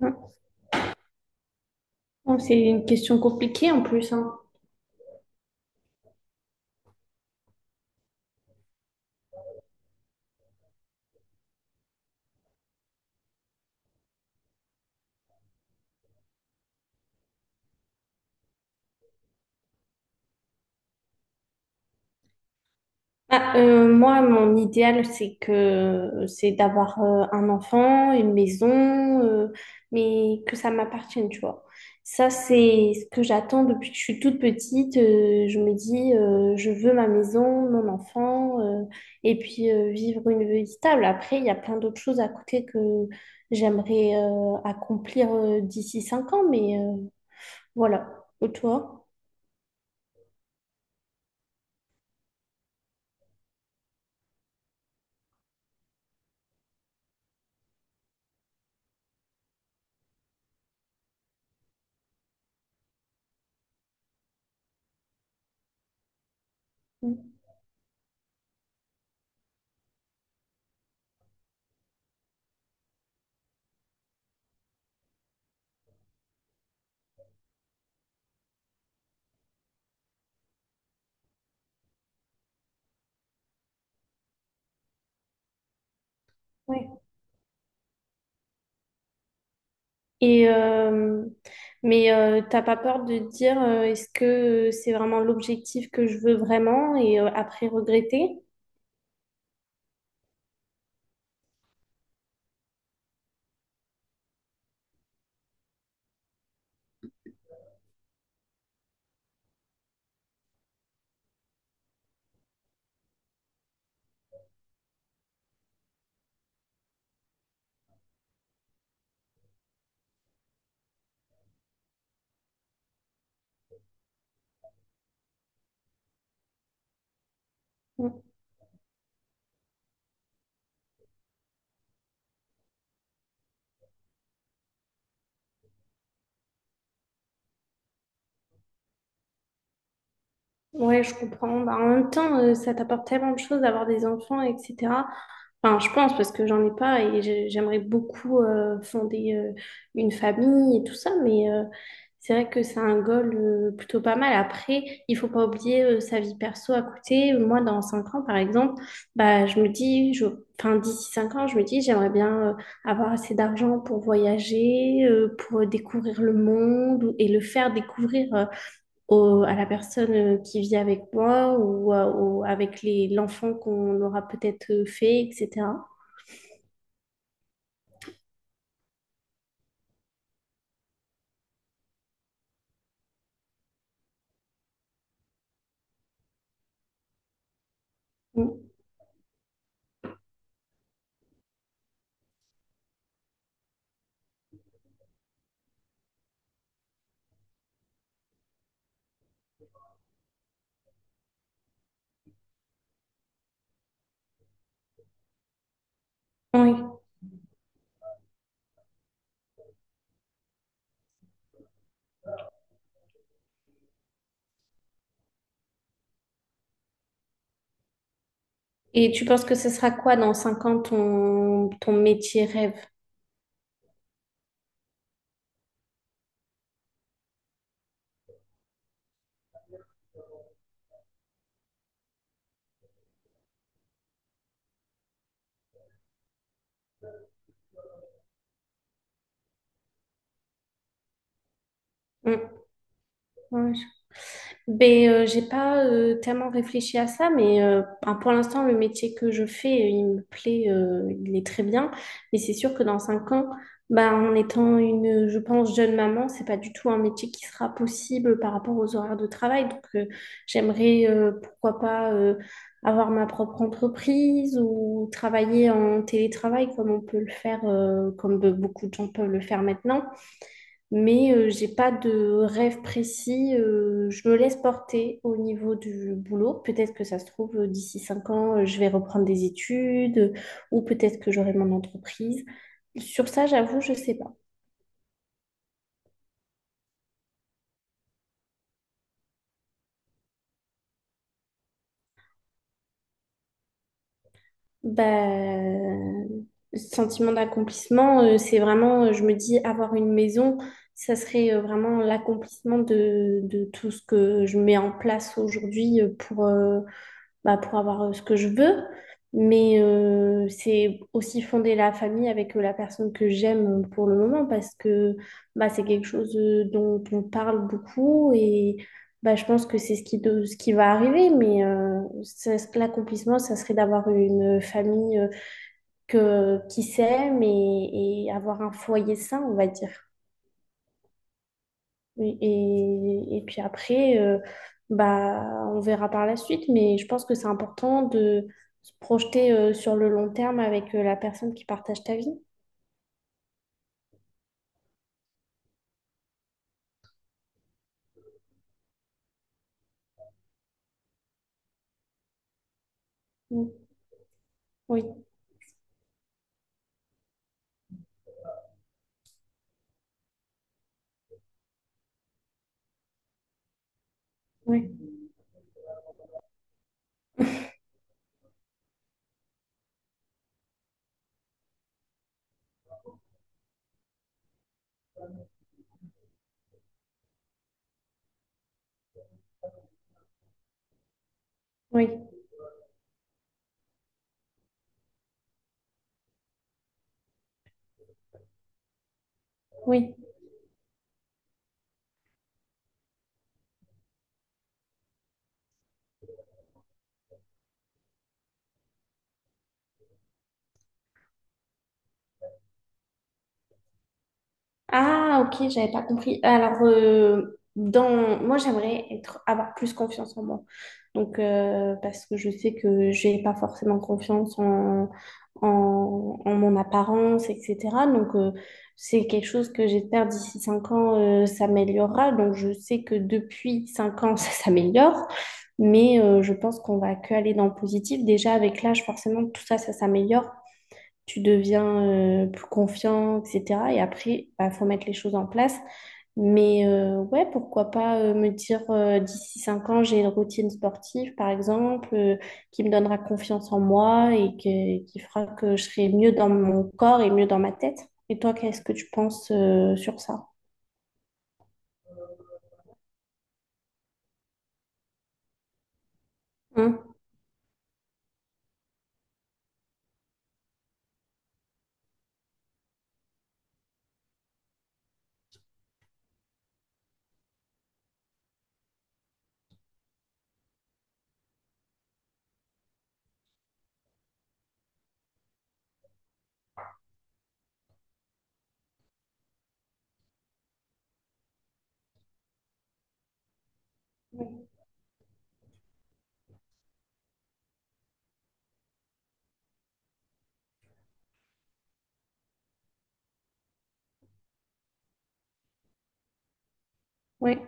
Non. C'est une question compliquée en plus, hein. Ah, moi, mon idéal, c'est d'avoir un enfant, une maison, euh, mais que ça m'appartienne, tu vois. Ça, c'est ce que j'attends depuis que je suis toute petite. Je me dis, je veux ma maison, mon enfant, et puis vivre une vie stable. Après, il y a plein d'autres choses à côté que j'aimerais accomplir d'ici 5 ans, mais voilà. Et toi? Oui. Et euh, mais t'as pas peur de te dire est-ce que c'est vraiment l'objectif que je veux vraiment et après regretter? Ouais, je comprends. Bah, en même temps, ça t'apporte tellement de choses d'avoir des enfants, etc. Enfin, je pense parce que j'en ai pas et j'aimerais beaucoup fonder une famille et tout ça, mais c'est vrai que c'est un goal plutôt pas mal. Après, il faut pas oublier sa vie perso à côté. Moi, dans 5 ans, par exemple, bah, je me dis, enfin, d'ici 5 ans, je me dis, j'aimerais bien avoir assez d'argent pour voyager, pour découvrir le monde et le faire découvrir. Au- à la personne qui vit avec moi ou avec l'enfant qu'on aura peut-être fait, etc. Mm. Oui. Et tu penses que ce sera quoi dans 5 ans ton métier rêve? Mm. Ouais, ben, j'ai pas tellement réfléchi à ça, mais ben, pour l'instant, le métier que je fais, il me plaît, il est très bien. Mais c'est sûr que dans 5 ans, ben, en étant une, je pense, jeune maman, c'est pas du tout un métier qui sera possible par rapport aux horaires de travail. Donc, j'aimerais, pourquoi pas, avoir ma propre entreprise ou travailler en télétravail comme on peut le faire, comme beaucoup de gens peuvent le faire maintenant. Mais j'ai pas de rêve précis. Je me laisse porter au niveau du boulot. Peut-être que ça se trouve, d'ici 5 ans, je vais reprendre des études ou peut-être que j'aurai mon entreprise. Sur ça, j'avoue, je sais pas. Bah, sentiment d'accomplissement, c'est vraiment, je me dis, avoir une maison, ça serait vraiment l'accomplissement de tout ce que je mets en place aujourd'hui pour avoir ce que je veux. Mais c'est aussi fonder la famille avec la personne que j'aime pour le moment parce que bah, c'est quelque chose dont on parle beaucoup et bah, je pense que c'est ce qui va arriver. Mais l'accomplissement, ça serait d'avoir une famille qui s'aime et avoir un foyer sain, on va dire. Oui. Et puis après, bah, on verra par la suite, mais je pense que c'est important de se projeter sur le long terme avec la personne qui partage ta vie. Mm. Oui, oui, oui, oui. Ah, ok, j'avais pas compris. Alors, moi, j'aimerais avoir plus confiance en moi. Donc, parce que je sais que j'ai pas forcément confiance en mon apparence, etc. Donc, c'est quelque chose que j'espère d'ici 5 ans, s'améliorera. Donc, je sais que depuis 5 ans, ça s'améliore. Mais je pense qu'on va que aller dans le positif. Déjà, avec l'âge, forcément, tout ça, ça s'améliore. Tu deviens plus confiant, etc. Et après, il faut mettre les choses en place. Mais ouais, pourquoi pas me dire d'ici 5 ans, j'ai une routine sportive, par exemple, qui me donnera confiance en moi et qui fera que je serai mieux dans mon corps et mieux dans ma tête. Et toi, qu'est-ce que tu penses sur ça? Hein? Oui.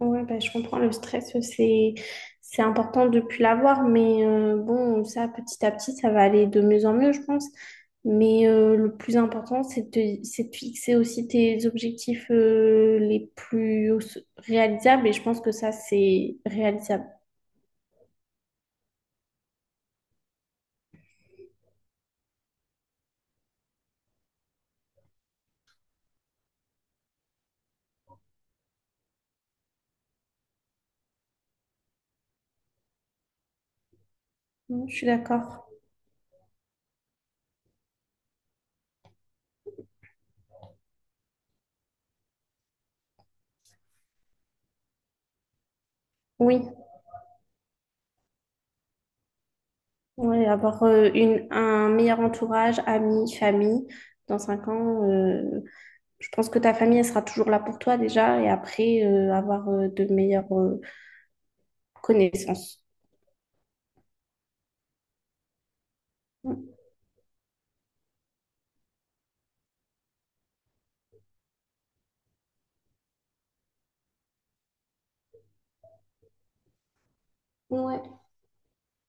Ouais, bah, je comprends le stress, c'est important de plus l'avoir, mais bon, ça petit à petit, ça va aller de mieux en mieux, je pense. Mais le plus important, c'est de fixer aussi tes objectifs les plus réalisables, et je pense que ça, c'est réalisable. Mm, je suis d'accord. Oui, ouais, avoir un meilleur entourage, amis, famille. Dans cinq ans, je pense que ta famille, elle sera toujours là pour toi déjà, et après, avoir de meilleurs connaissance. Ouais.